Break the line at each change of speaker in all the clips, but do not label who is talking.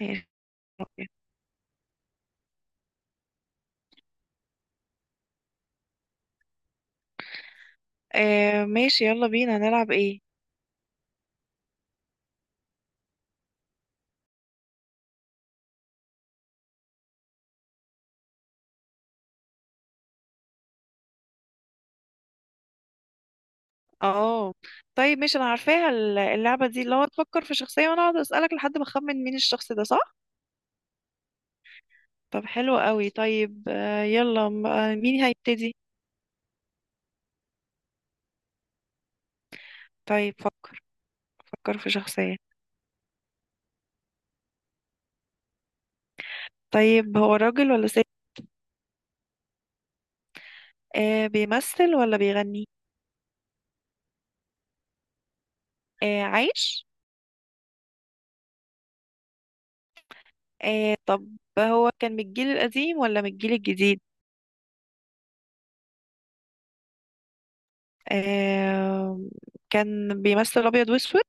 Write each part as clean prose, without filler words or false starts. ماشي. ماشي، يلا بينا نلعب ايه؟ اه طيب، ماشي، انا عارفاها اللعبة دي اللي هو تفكر في شخصية وانا اقعد اسألك لحد ما اخمن مين الشخص ده، صح؟ طب حلو قوي. طيب، يلا، مين هيبتدي؟ طيب فكر. فكر في شخصية. طيب، هو راجل ولا ست؟ بيمثل ولا بيغني؟ عايش؟ طب هو كان من الجيل القديم ولا من الجيل الجديد؟ آه كان بيمثل ابيض واسود؟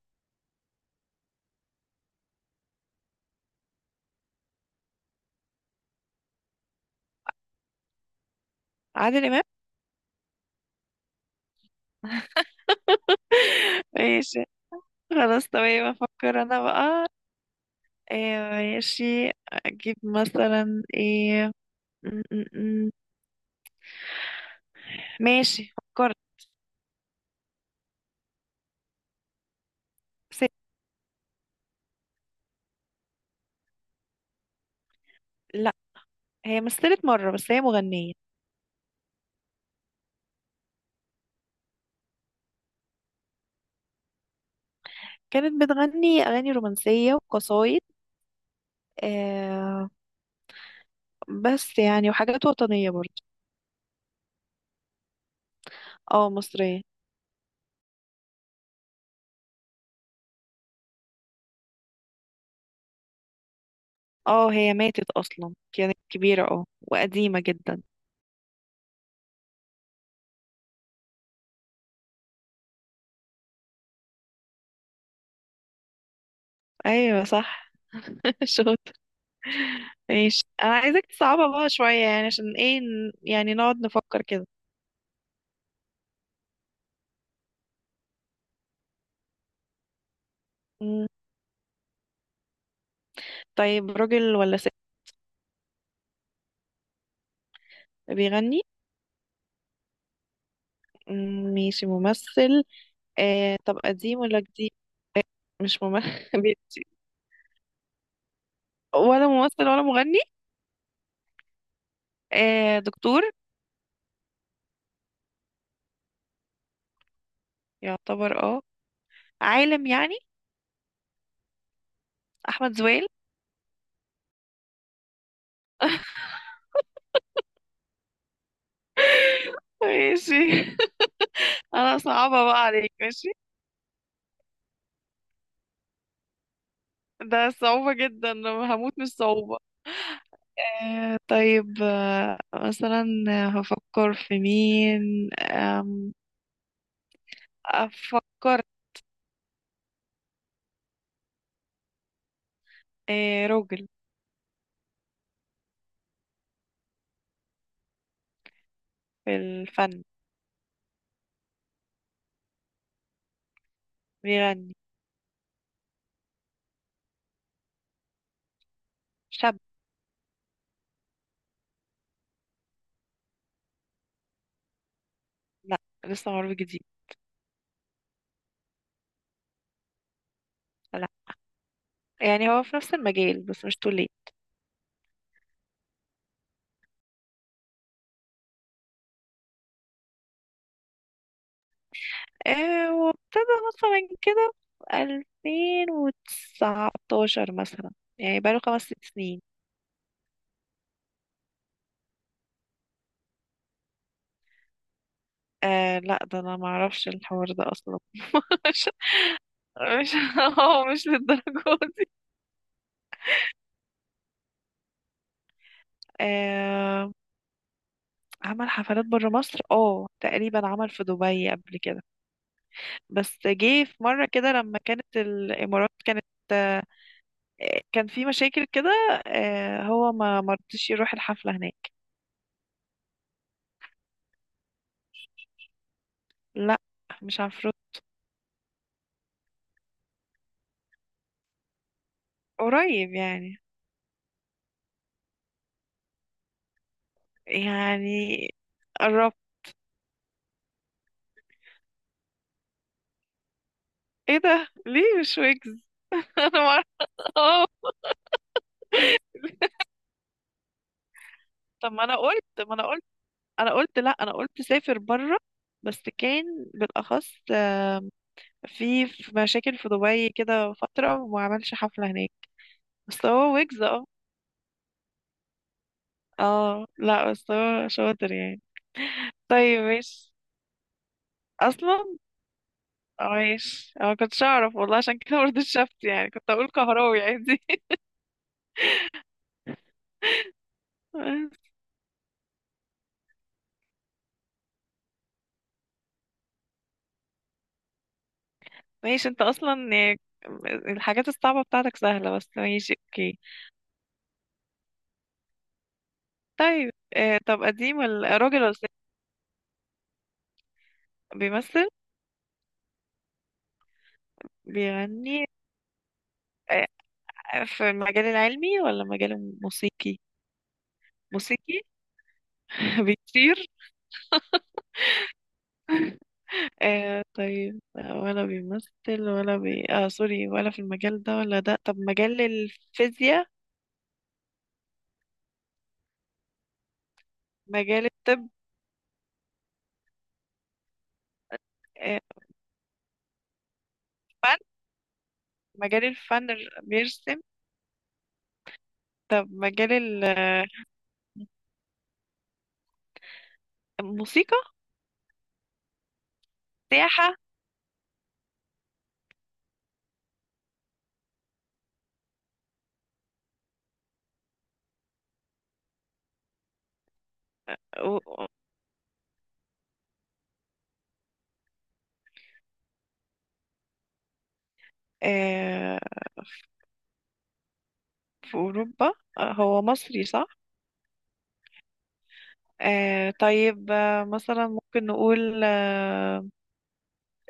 عادل امام. ماشي. خلاص تمام، افكر انا بقى. إيه ماشي. اجيب مثلا ايه. م- م- م. ماشي فكرت. ست. لا، هي مثلت مرة بس هي مغنية. كانت بتغني اغاني رومانسية وقصايد، آه بس يعني وحاجات وطنية برضه. اه، مصرية. اه، هي ماتت اصلا، كانت كبيرة وقديمة جدا. ايوه صح. شاطر. ماشي، انا عايزك تصعبها بقى شوية، يعني عشان ايه يعني نقعد نفكر كده. طيب، راجل ولا ست؟ بيغني؟ مم، ماشي، ممثل. طب قديم ولا جديد؟ مش ممثل. ولا ممثل ولا مغني. دكتور؟ يعتبر. اه عالم يعني. احمد زويل. ماشي. انا صعبة بقى عليك، ماشي. ده صعوبة جدا. هموت من الصعوبة. طيب، مثلا هفكر في مين، افكر. آه، راجل. في الفن. بيغني. شاب. لا، لسه معروف جديد. لا، يعني هو في نفس المجال بس مش توليت. آه، وابتدى مثلا كده في 2019 مثلا، يعني بقاله خمس ست سنين. آه، لا، ده انا ما اعرفش الحوار ده اصلا. مش، مش، هو مش للدرجه دي. آه، عمل حفلات بره مصر، تقريبا عمل في دبي قبل كده. بس جه في مره كده لما كانت الامارات كانت، آه، كان في مشاكل كده. هو ما مرضيش يروح الحفلة هناك. لا، مش عفروت. قريب يعني. يعني قربت. ايه ده؟ ليه مش ويجز؟ انا ما اعرف. اه. طب ما انا قلت، انا قلت لا، انا قلت سافر بره. بس كان بالاخص، في مشاكل في دبي كده فترة وما عملش حفلة هناك. بس هو ويجز، اه. اه، لا، بس هو شاطر يعني. طيب ماشي اصلا. عايش، كنتش اعرف والله، عشان كده برضه شفت، يعني كنت اقول كهراوي عادي. ماشي. انت اصلا يعني الحاجات الصعبة بتاعتك سهلة بس. ماشي، اوكي. طيب، طب قديم ولا راجل ولا ست؟ بيمثل؟ بيغني؟ آه، في المجال العلمي ولا مجال موسيقي؟ موسيقي. بيطير. آه، طيب، لا، ولا بيمثل ولا بي آه سوري، ولا في المجال ده ولا ده. طب مجال الفيزياء؟ مجال الطب؟ آه فن؟ مجال الفن؟ بيرسم؟ طب مجال الموسيقى. سياحة. و... و- آه، في أوروبا. هو مصري صح؟ طيب، مثلا ممكن نقول، آه،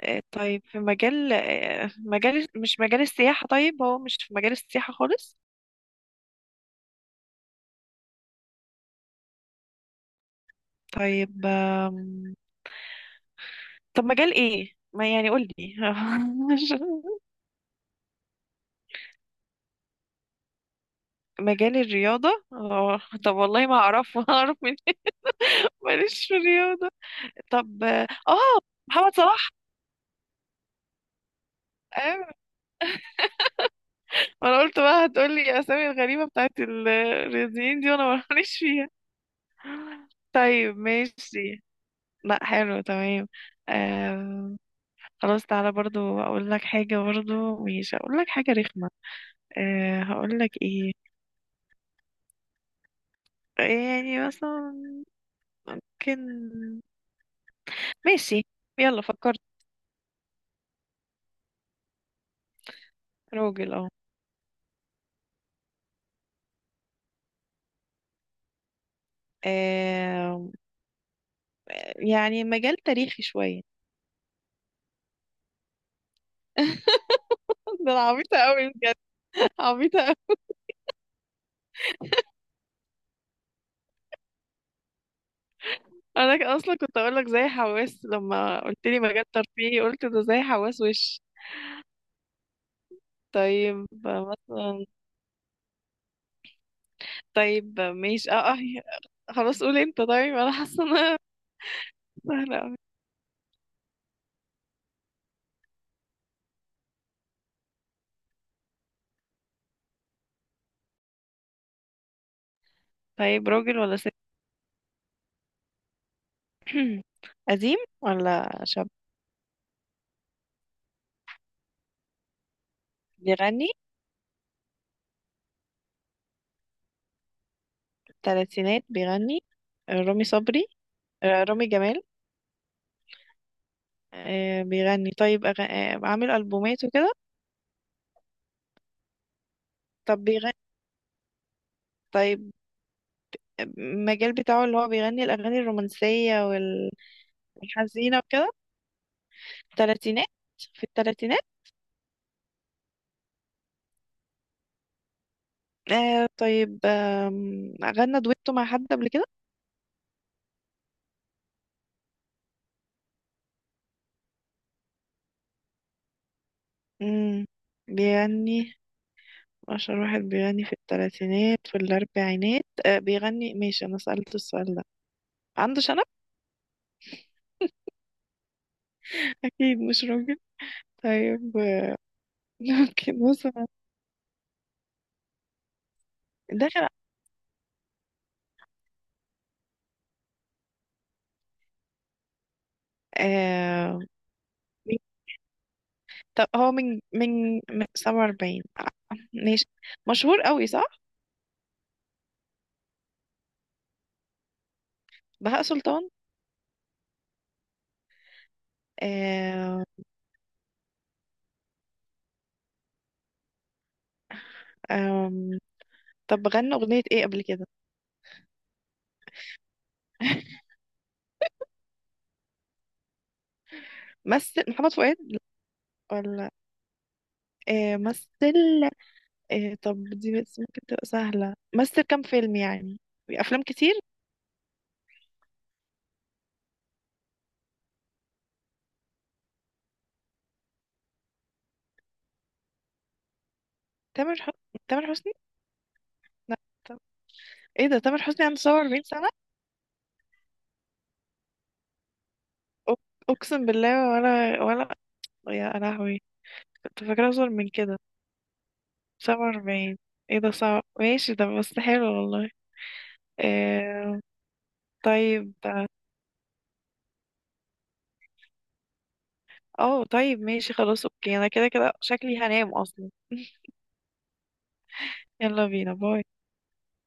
آه، طيب في مجال، مجال، مش مجال السياحة. طيب هو مش في مجال السياحة خالص. طيب، طب مجال ايه؟ ما يعني قول لي. مش- مجال الرياضة؟ آه، طب والله ما أعرف منين. ماليش في الرياضة. طب محمد صلاح. ايوه. ما انا قلت بقى هتقولي اسامي الغريبه بتاعت الرياضيين دي وانا ماليش فيها. طيب ماشي. لا، حلو تمام. آم، خلاص تعالى برضو اقول لك حاجه، برضو ماشي اقول لك حاجه رخمه. هقول لك ايه. يعني مثلا ممكن. ماشي. يلا فكرت. راجل اهو. آم، يعني مجال تاريخي شويه. ده أنا عبيطه قوي بجد. عبيطه. انا اصلا كنت اقول لك زي حواس، لما قلت لي مجال ترفيهي قلت ده زي حواس وش. طيب مثلا. طيب ماشي، اه، اه. خلاص قول انت، طيب انا حاسه ان انا سهله أوي. طيب، راجل ولا ست؟ قديم ولا شاب؟ بيغني؟ تلاتينات بيغني. آه، رامي صبري؟ آه، رامي جمال؟ آه، بيغني، طيب أغ... آه، عامل ألبومات وكده. طب بيغني. طيب المجال بتاعه اللي هو بيغني الأغاني الرومانسية والحزينة وكده. تلاتينات. في التلاتينات. طيب، غنى دويتو مع حد قبل كده؟ مم. بيغني. أشهر واحد بيغني في التلاتينات في الأربعينات، بيغني، ماشي. أنا سألت السؤال ده. عنده شنب. أكيد مش راجل. طيب، ممكن مثلا. دخل. آه مين- طب هو من 47، ماشي. مشهور قوي، صح. بهاء سلطان؟ آه آم، طب غنى أغنية إيه قبل كده؟ مثل محمد فؤاد؟ ولا، مثل. طب دي بس ممكن تبقى سهلة. مثل كام فيلم يعني؟ أفلام كتير. تامر حسني، تامر حسني. لا. طب ايه ده، تامر حسني عنده 47 سنة؟ أق- أقسم بالله، ولا ولا. يا لهوي، كنت فاكرة أصغر من كده. 47. ايه ده صعب. ماشي، ده بس حلو والله. آه طيب، اه طيب ماشي، خلاص اوكي. انا كده كده شكلي هنام اصلا. يلا بينا، باي.